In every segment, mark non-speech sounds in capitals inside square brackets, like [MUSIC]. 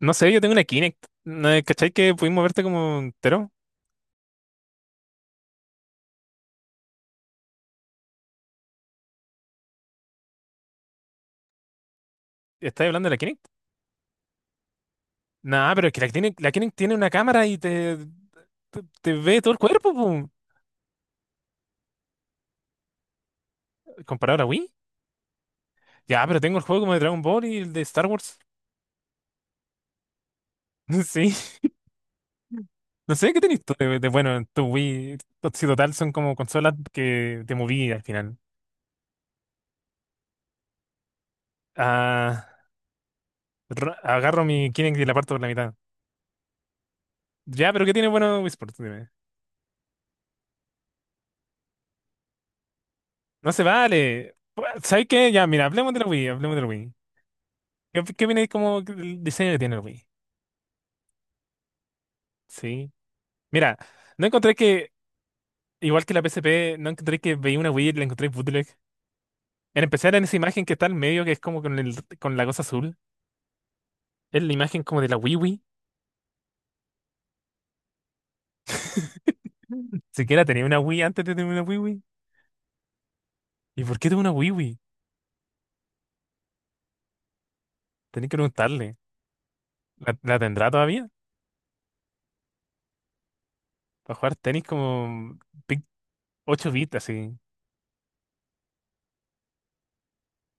No sé, yo tengo una Kinect. ¿No? ¿Cachai que pudimos moverte como entero? ¿Estás hablando de la Kinect? Nah, pero es que la Kinect tiene una cámara y te ve todo el cuerpo, pum, comparado a la Wii. Ya, pero tengo el juego como de Dragon Ball y el de Star Wars. [LAUGHS] Sí, no sé qué tenés tú de bueno en tu Wii. Si total son como consolas que te moví al final. Ah, agarro mi Kinect y la parto por la mitad. Ya, pero ¿qué tiene bueno Wii Sports? Dime. No se vale. ¿Sabes qué? Ya, mira, hablemos de la Wii, hablemos de la Wii. ¿Qué viene como el diseño que tiene el Wii? Sí. Mira, no encontré que, igual que la PSP, no encontré que veía una Wii y la encontré bootleg. En especial en esa imagen que está al medio, que es como con el, con la cosa azul. Es la imagen como de la Wii Wii. Siquiera tenía una Wii antes de tener una Wii Wii. ¿Y por qué tuvo una Wii Wii? Tenía que preguntarle. ¿La tendrá todavía? Para jugar tenis como pic- 8 bits, así.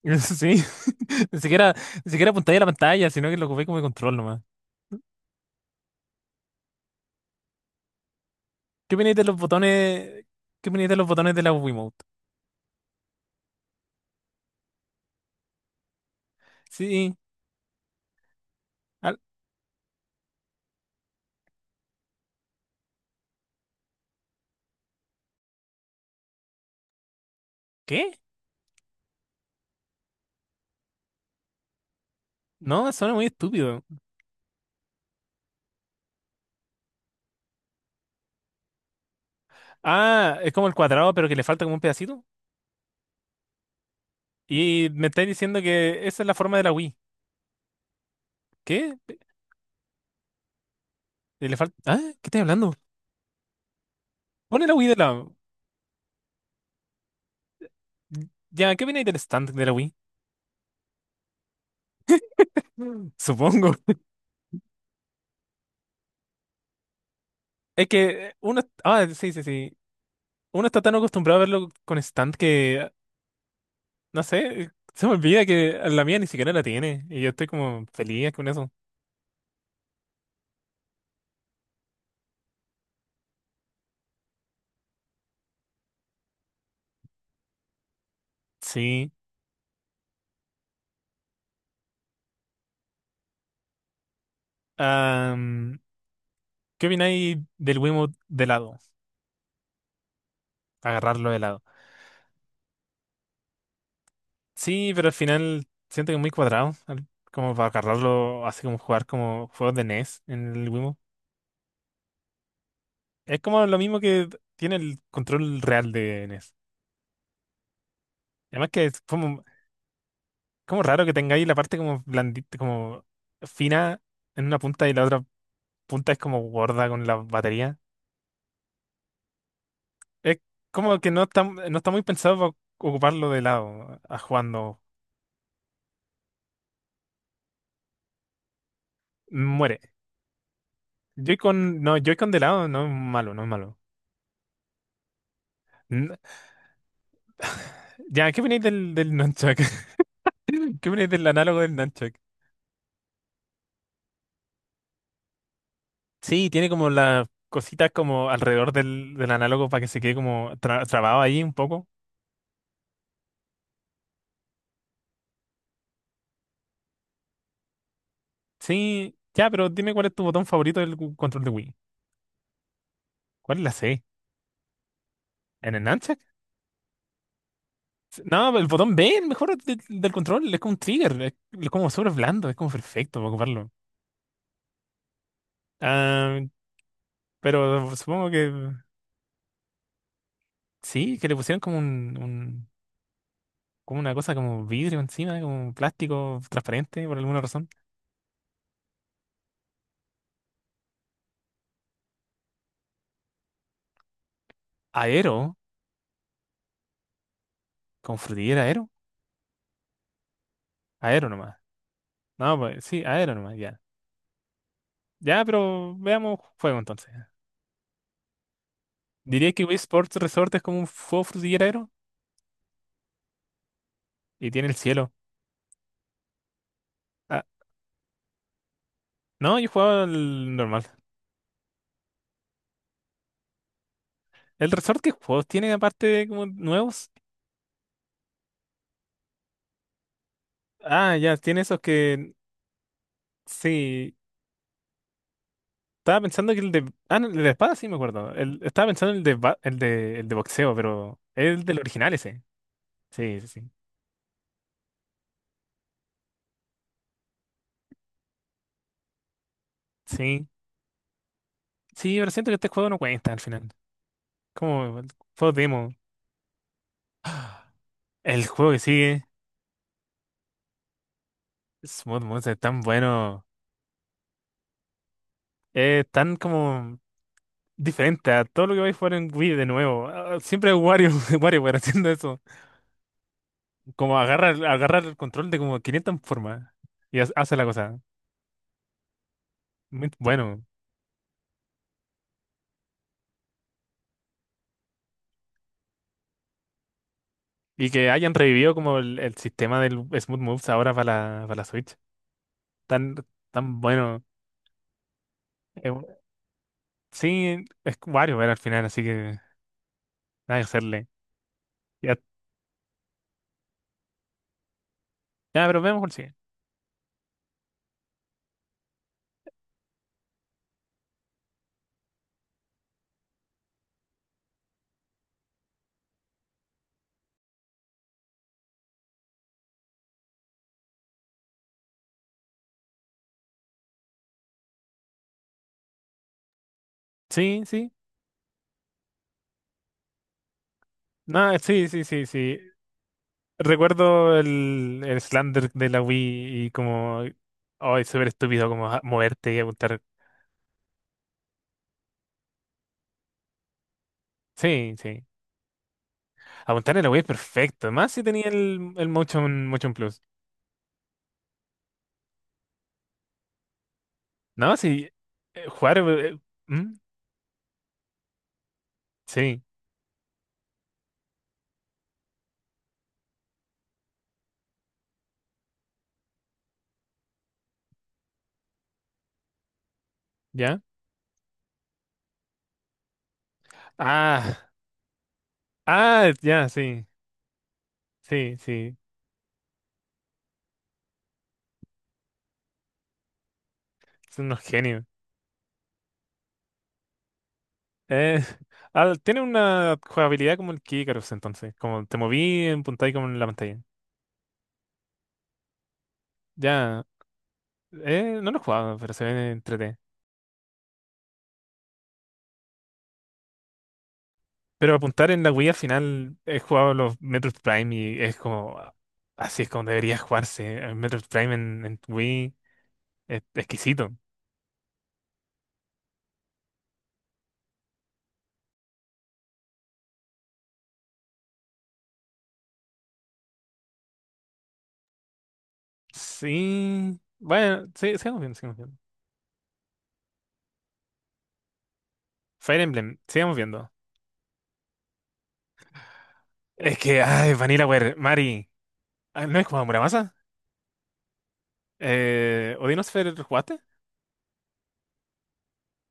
[LAUGHS] Sí. [LAUGHS] Ni siquiera, ni siquiera apuntáis a la pantalla, sino que lo ocupé como de control nomás. ¿Qué opináis de los botones? ¿Qué opináis de los botones de la Wii? Sí. Al- ¿Qué? No, suena muy estúpido. Ah, es como el cuadrado, pero que le falta como un pedacito. Y me estáis diciendo que esa es la forma de la Wii. ¿Qué? Le falta. Ah, ¿qué estáis hablando? Pone la Wii de lado. Ya, ¿qué viene del stand de la Wii? Mm. Supongo. Es que uno. Ah, sí, sí, sí. Uno está tan acostumbrado a verlo con stand que no sé, se me olvida que la mía ni siquiera la tiene. Y yo estoy como feliz con eso. Sí. Ah, ¿qué opináis del Wiimote de lado? Agarrarlo de lado. Sí, pero al final siento que es muy cuadrado, como para agarrarlo, así como jugar como juegos de NES en el Wii. Es como lo mismo que tiene el control real de NES. Además que es como, raro que tengáis la parte como blandita, como fina en una punta y la otra punta es como gorda con la batería. Es como que no está muy pensado para ocuparlo de lado, a jugando. Muere. Joy-Con, no, Joy-Con de lado no es malo, no es malo. N- Ya, ¿qué opináis del, nunchuck? ¿Qué opináis del análogo del Nunchuck? Sí, tiene como las cositas como alrededor del análogo para que se quede como trabado ahí un poco. Sí, ya, pero dime cuál es tu botón favorito del control de Wii. ¿Cuál es la C? ¿En el Nunchuck? No, el botón B, el mejor del control, es como un trigger, es como súper blando, es como perfecto para ocuparlo. Ah, pero supongo que sí, que le pusieron como un, como una cosa como vidrio encima, como un plástico transparente por alguna razón. Aero, con frutillera aero, aero nomás. No, pues sí, aero nomás, ya. Ya, pero veamos fuego entonces. Diría que Wii Sports Resort es como un juego frutillero aero y tiene el cielo. Ah, no, yo jugaba el normal. ¿El resort qué juegos tiene aparte de como nuevos? Ah, ya, tiene esos que. Sí. Estaba pensando que el de. Ah, no, el de espada sí me acuerdo. Estaba pensando en el de boxeo, pero, es el del original ese. Sí, sí, sí. Sí, sí, pero siento que este juego no cuenta al final. Como el juego demo. El juego que sigue. Smooth Monster es tan bueno. Es tan como diferente a todo lo que vais a jugar en Wii de nuevo. Ah, siempre es Wario, [LAUGHS] WarioWare haciendo eso. Como agarra el control de como 500 formas y hace la cosa. Muy bueno. Y que hayan revivido como el, sistema del Smooth Moves ahora para la Switch. Tan, tan bueno. Eh, sí, es WarioWare al final, así que nada que hacerle. Ya, ya, pero veamos cuál sigue. Sí, sí. No, sí, sí, sí, sí. Recuerdo el, Slander de la Wii y como, ay, súper estúpido como moverte y apuntar. Sí, sí. Apuntar en la Wii es perfecto. Más si tenía el, Motion Plus. No, sí. Jugar. ¿Mm? Sí, ya. Ah, ah, ya, sí. Sí, sí. Son unos genios. Eh, [LAUGHS] ah, tiene una jugabilidad como el Kikarus entonces. Como te moví en punta y como en la pantalla. Ya. No lo he jugado, pero se ve entrete. Pero apuntar en la Wii al final he jugado los Metroid Prime y es como, ah, así es como debería jugarse. El Metroid Prime en Wii es exquisito. Sí, bueno, sí, sigamos viendo, sigamos viendo. Fire Emblem, sigamos viendo. Es que, ay, Vanillaware, Mari, ah, ¿no he jugado a Muramasa? ¿Odinosphere jugaste?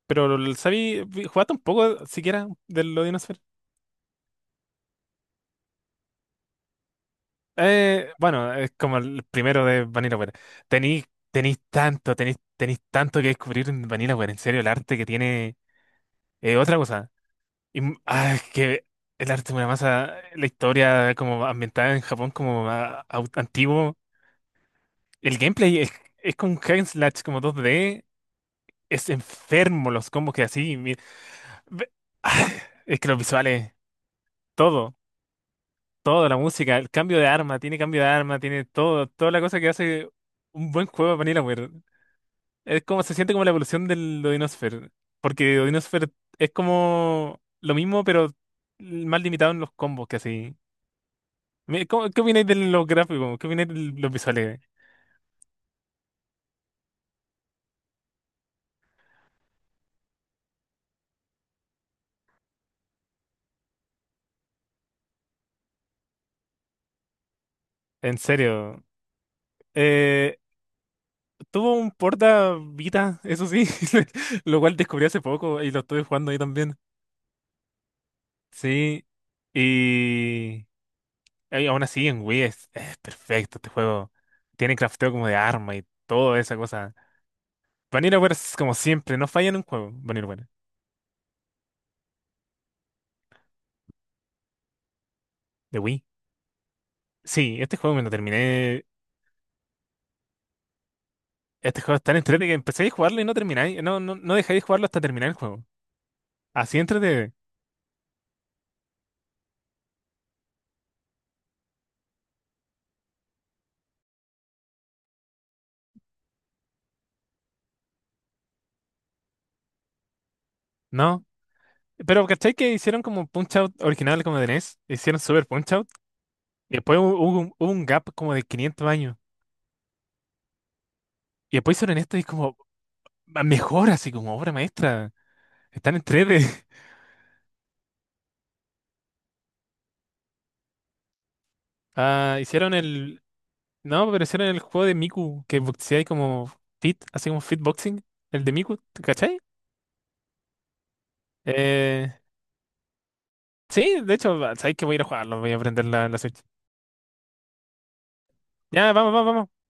Pero el Sabi, ¿jugaste un poco siquiera del Odinosphere? Bueno, es como el primero de Vanilla Ware. Tenéis, tenéis tanto que descubrir en Vanilla Ware. En serio, el arte que tiene otra cosa. Y, ah, es que el arte de Muramasa, la historia como ambientada en Japón como antiguo. El gameplay es con hack and slash como 2D. Es enfermo los combos que así. Ve- ah, es que los visuales, todo, toda la música, el cambio de arma, tiene cambio de arma, tiene todo, toda la cosa que hace un buen juego de Vanilla. Es como se siente como la evolución del Odinosphere. Porque Odinosphere es como lo mismo, pero más limitado en los combos que así. ¿Qué opináis de los gráficos? ¿Qué opináis de los visuales? En serio. Eh, tuvo un porta Vita, eso sí, [LAUGHS] lo cual descubrí hace poco y lo estuve jugando ahí también. Sí. Y, y aún así en Wii es perfecto este juego. Tiene crafteo como de arma y toda esa cosa. Vanillaware es como siempre, no falla en un juego, Vanillaware. ¿De Wii? Sí, este juego me lo terminé. Este juego es tan entretenido que empezáis a jugarlo y no termináis. No, no, no dejáis de jugarlo hasta terminar el juego. Así entretenido. No. Pero ¿cachai que hicieron como Punch Out original como de NES? Hicieron Super Punch Out. Y después hubo un gap como de 500 años. Y después hicieron esto y es como mejor, así como obra maestra. Están entretenidos. [LAUGHS] Ah, hicieron el. No, pero hicieron el juego de Miku que boxeáis como fit, así como fit boxing. El de Miku, ¿cachai? Eh, Sí, de hecho, sabéis que voy a ir a jugarlo, voy a aprender la, Switch. Ya, vamos, vamos, vamos.